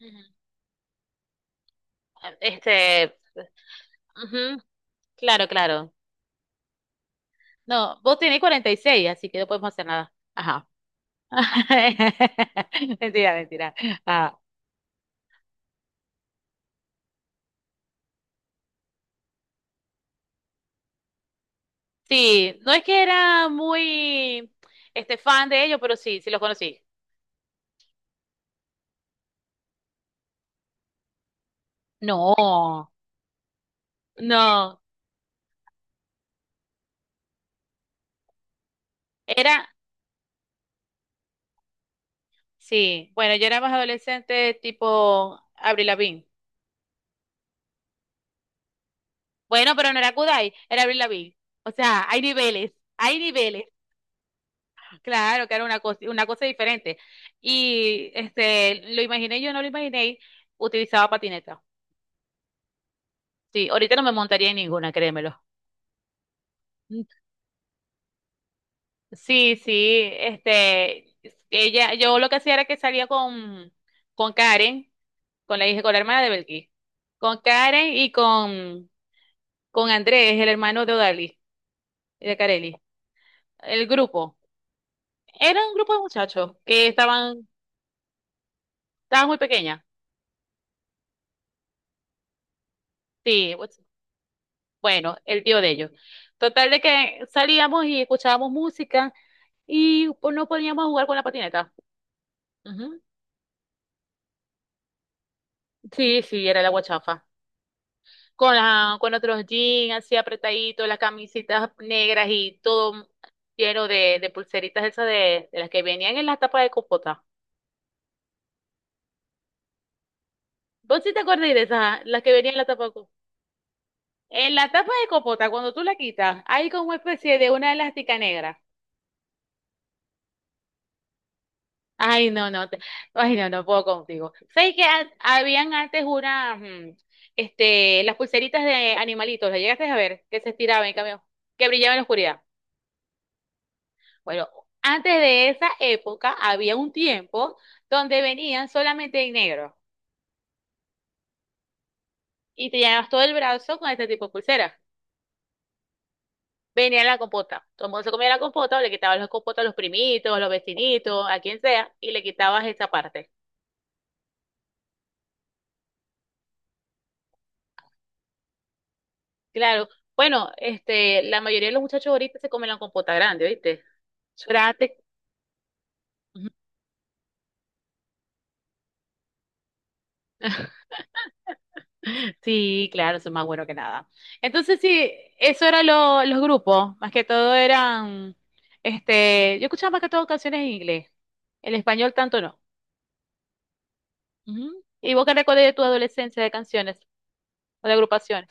Ujú. Ah, ujú, claro, claro. No, vos tenés 46, así que no podemos hacer nada. Ajá. Mentira, mentira. Ah, sí, no es que era muy fan de ellos, pero sí, sí los conocí. No, no, era, sí. Bueno, yo era más adolescente tipo Avril Lavigne. Bueno, pero no era Kudai, era Avril Lavigne. O sea, hay niveles, hay niveles. Claro, que era una cosa diferente. Y lo imaginé, yo no lo imaginé, utilizaba patineta. Sí, ahorita no me montaría en ninguna, créemelo. Mm. Sí, sí, ella, yo lo que hacía era que salía con Karen, con la hija, con la hermana de Belkis, con Karen y con Andrés, el hermano de Odali, de Carelli, el grupo. Era un grupo de muchachos que estaban, estaban muy pequeñas. Sí, bueno, el tío de ellos. Total de que salíamos y escuchábamos música y pues, no podíamos jugar con la patineta. Ujú. Sí, sí, era la guachafa. Con otros jeans así apretaditos, las camisitas negras y todo lleno de pulseritas esas de las que venían en la tapa de compota. ¿Vos sí te acordáis de esas, ah? ¿Las que venían en la tapa de compota? En la tapa de compota, cuando tú la quitas, hay como una especie de una elástica negra. Ay, ay, no, no puedo contigo. ¿Sabes que habían antes unas las pulseritas de animalitos? ¿Las llegaste a ver? Que se estiraban y cambio, que brillaban en la oscuridad. Bueno, antes de esa época había un tiempo donde venían solamente en negro y te llenabas todo el brazo con este tipo de pulseras. Venía la compota. Todo el mundo se comía la compota, o le quitabas las compotas a los primitos, a los vecinitos, a quien sea, y le quitabas esa parte. Claro. Bueno, la mayoría de los muchachos ahorita se comen la compota grande, ¿viste? Yo sí, claro, eso es más bueno que nada. Entonces, sí, los grupos, más que todo eran yo escuchaba más que todo canciones en inglés, el español tanto no. Ujú. ¿Y vos qué recordás de tu adolescencia de canciones o de agrupaciones?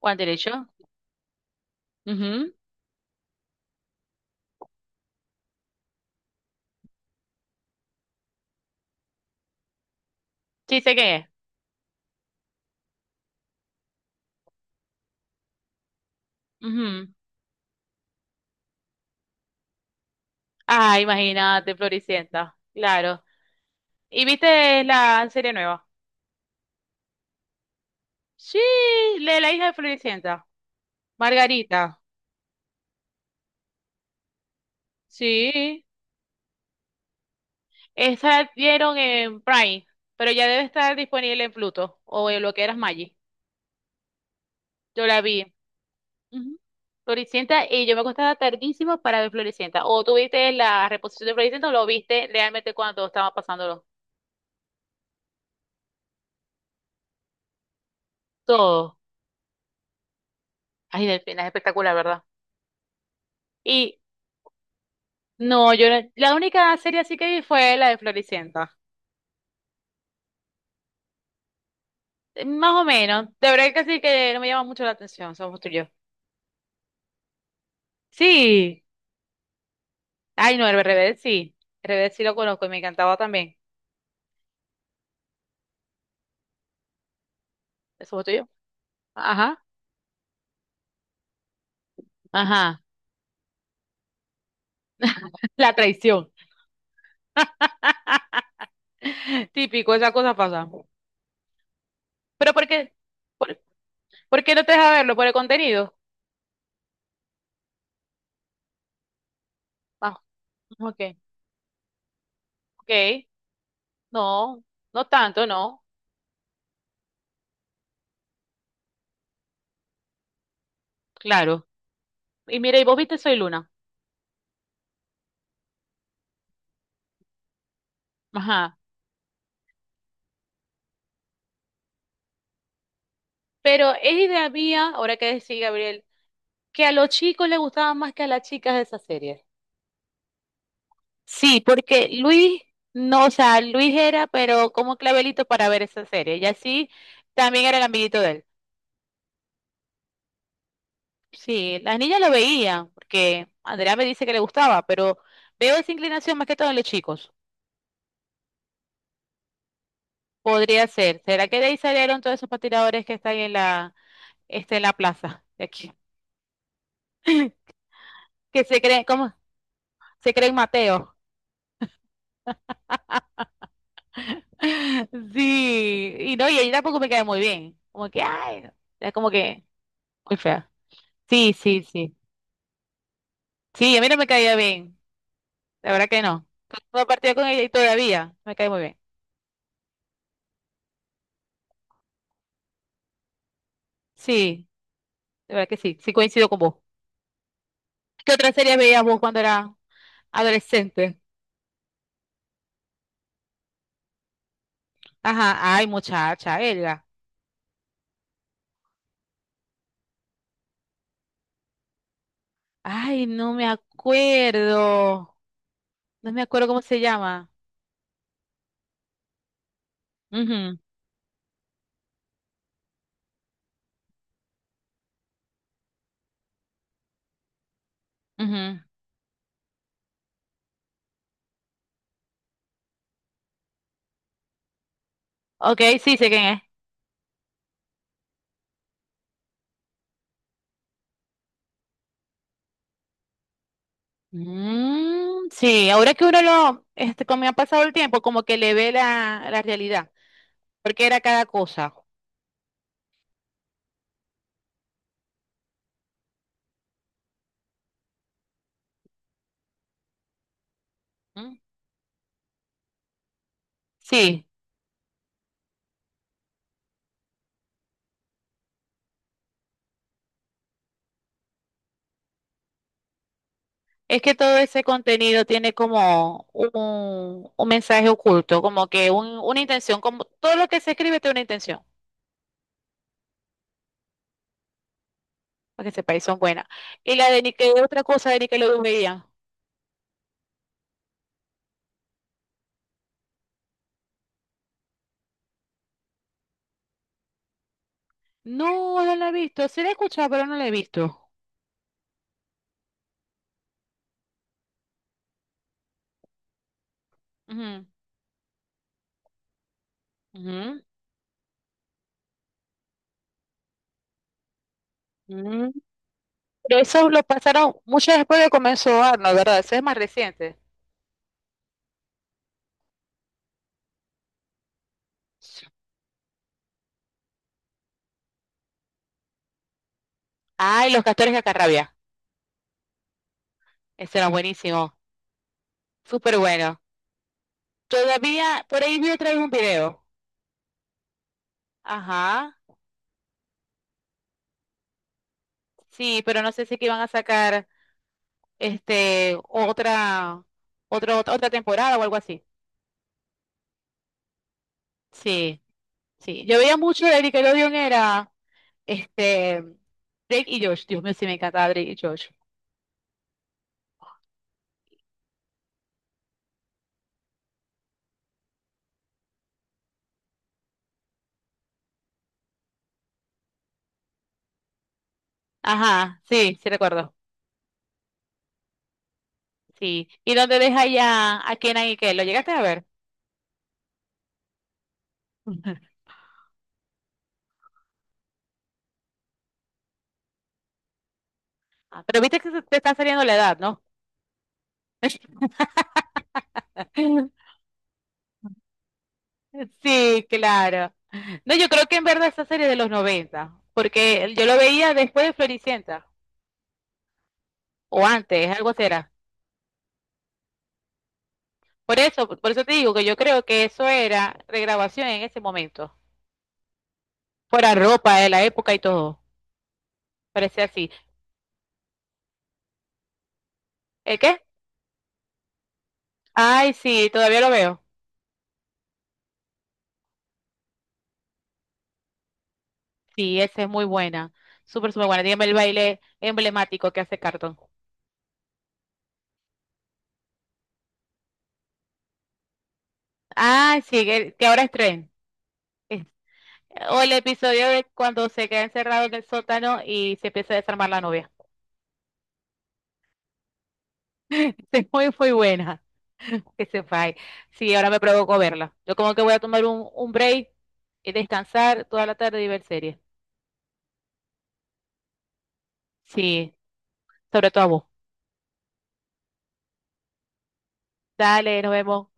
One Direction. Ujú. Sí, sé qué es. Ujú. Ah, imagínate, Floricienta, claro. ¿Y viste la serie nueva? Sí, la de la hija de Floricienta, Margarita. Sí, esa dieron en Prime, pero ya debe estar disponible en Pluto o en lo que era Maggi. Yo la vi. Ujú. Floricienta, y yo me acostaba tardísimo para ver Floricienta. ¿O tú viste la reposición de Floricienta o lo viste realmente cuando estaba pasándolo? Todo. Ay, Delfina, es espectacular, ¿verdad? Y no, yo no- la única serie así que vi fue la de Floricienta. Más o menos. De verdad que sí, que no me llama mucho la atención, somos tú y yo. Sí. Ay, no, el Rebelde sí. El Rebelde sí lo conozco y me encantaba también. ¿Eso fue tuyo? Ajá, ajá. La traición. Típico, esa cosa pasa. ¿Pero por qué? ¿Por, por qué no te deja verlo? ¿Por el contenido? Ah, ok, ok. No, no tanto, no. Claro. Y mira, ¿y vos viste Soy Luna? Ajá. Pero es idea mía, ahora que decís, Gabriel, que a los chicos les gustaba más que a las chicas de esa serie. Sí, porque Luis, no, o sea, Luis era, pero como clavelito para ver esa serie. Y así también era el amiguito de él. Sí, las niñas lo veían, porque Andrea me dice que le gustaba, pero veo esa inclinación más que todo en los chicos. Podría ser. ¿Será que de ahí salieron todos esos patiradores que están ahí en la en la plaza de aquí? Que se creen, ¿cómo? Se creen Mateo. Sí, y no, y ella tampoco me cae muy bien. Como que, ay, es como que muy fea. Sí, sí, sí. Sí, a mí no me caía bien. La verdad que no. No he partido con ella y todavía me cae muy bien. Sí, de verdad que sí. Sí coincido con vos. ¿Qué otra serie veías vos cuando era adolescente? Ajá, ay, muchacha, Elga. Ay, no me acuerdo. No me acuerdo cómo se llama. Ujú, ujú. Ok, sí, sé quién es. Mm, sí, ahora que uno lo, como ha pasado el tiempo, como que le ve la realidad, porque era cada cosa. ¿Mm? Sí, es que todo ese contenido tiene como un mensaje oculto, como que una intención, como todo lo que se escribe tiene una intención, para que sepáis, son buenas. Y la de Nickelodeon, otra cosa de Nickelodeon veía. No, no la he visto, sí la he escuchado, pero no la he visto. Ujú, ujú, ujú. Pero eso lo pasaron mucho después de comenzó Arnold, ¿verdad? Eso es más reciente. Ay, Los Castores de Acarrabia, ese era buenísimo, súper bueno. Todavía, por ahí vi otra vez un video. Ajá. Sí, pero no sé si que iban a sacar este otra, otra temporada o algo así. Sí, sí. Yo veía mucho de Nickelodeon era este Drake y Josh. Dios mío, sí me encantaba Drake y Josh. Ajá, sí, sí recuerdo. Sí. ¿Y dónde deja ya a Kenan y Kel? ¿Lo llegaste a ver? Ah, pero viste que te está saliendo la edad, ¿no? Sí, claro. No, yo creo que en verdad esa serie de los 90, porque yo lo veía después de Floricienta, o antes, algo será. Por eso te digo que yo creo que eso era regrabación en ese momento. Fuera ropa de la época y todo. Parecía así. ¿El qué? Ay, sí, todavía lo veo. Sí, esa es muy buena. Súper, súper buena. Dígame el baile emblemático que hace Cartón. Ay, sí, que ahora es tren. Es- O el episodio de cuando se queda encerrado en el sótano y se empieza a desarmar la novia. Es muy, muy buena. Que sepáis. Sí, ahora me provocó verla. Yo como que voy a tomar un break y descansar toda la tarde y ver series. Sí, sobre todo a vos. Dale, nos vemos.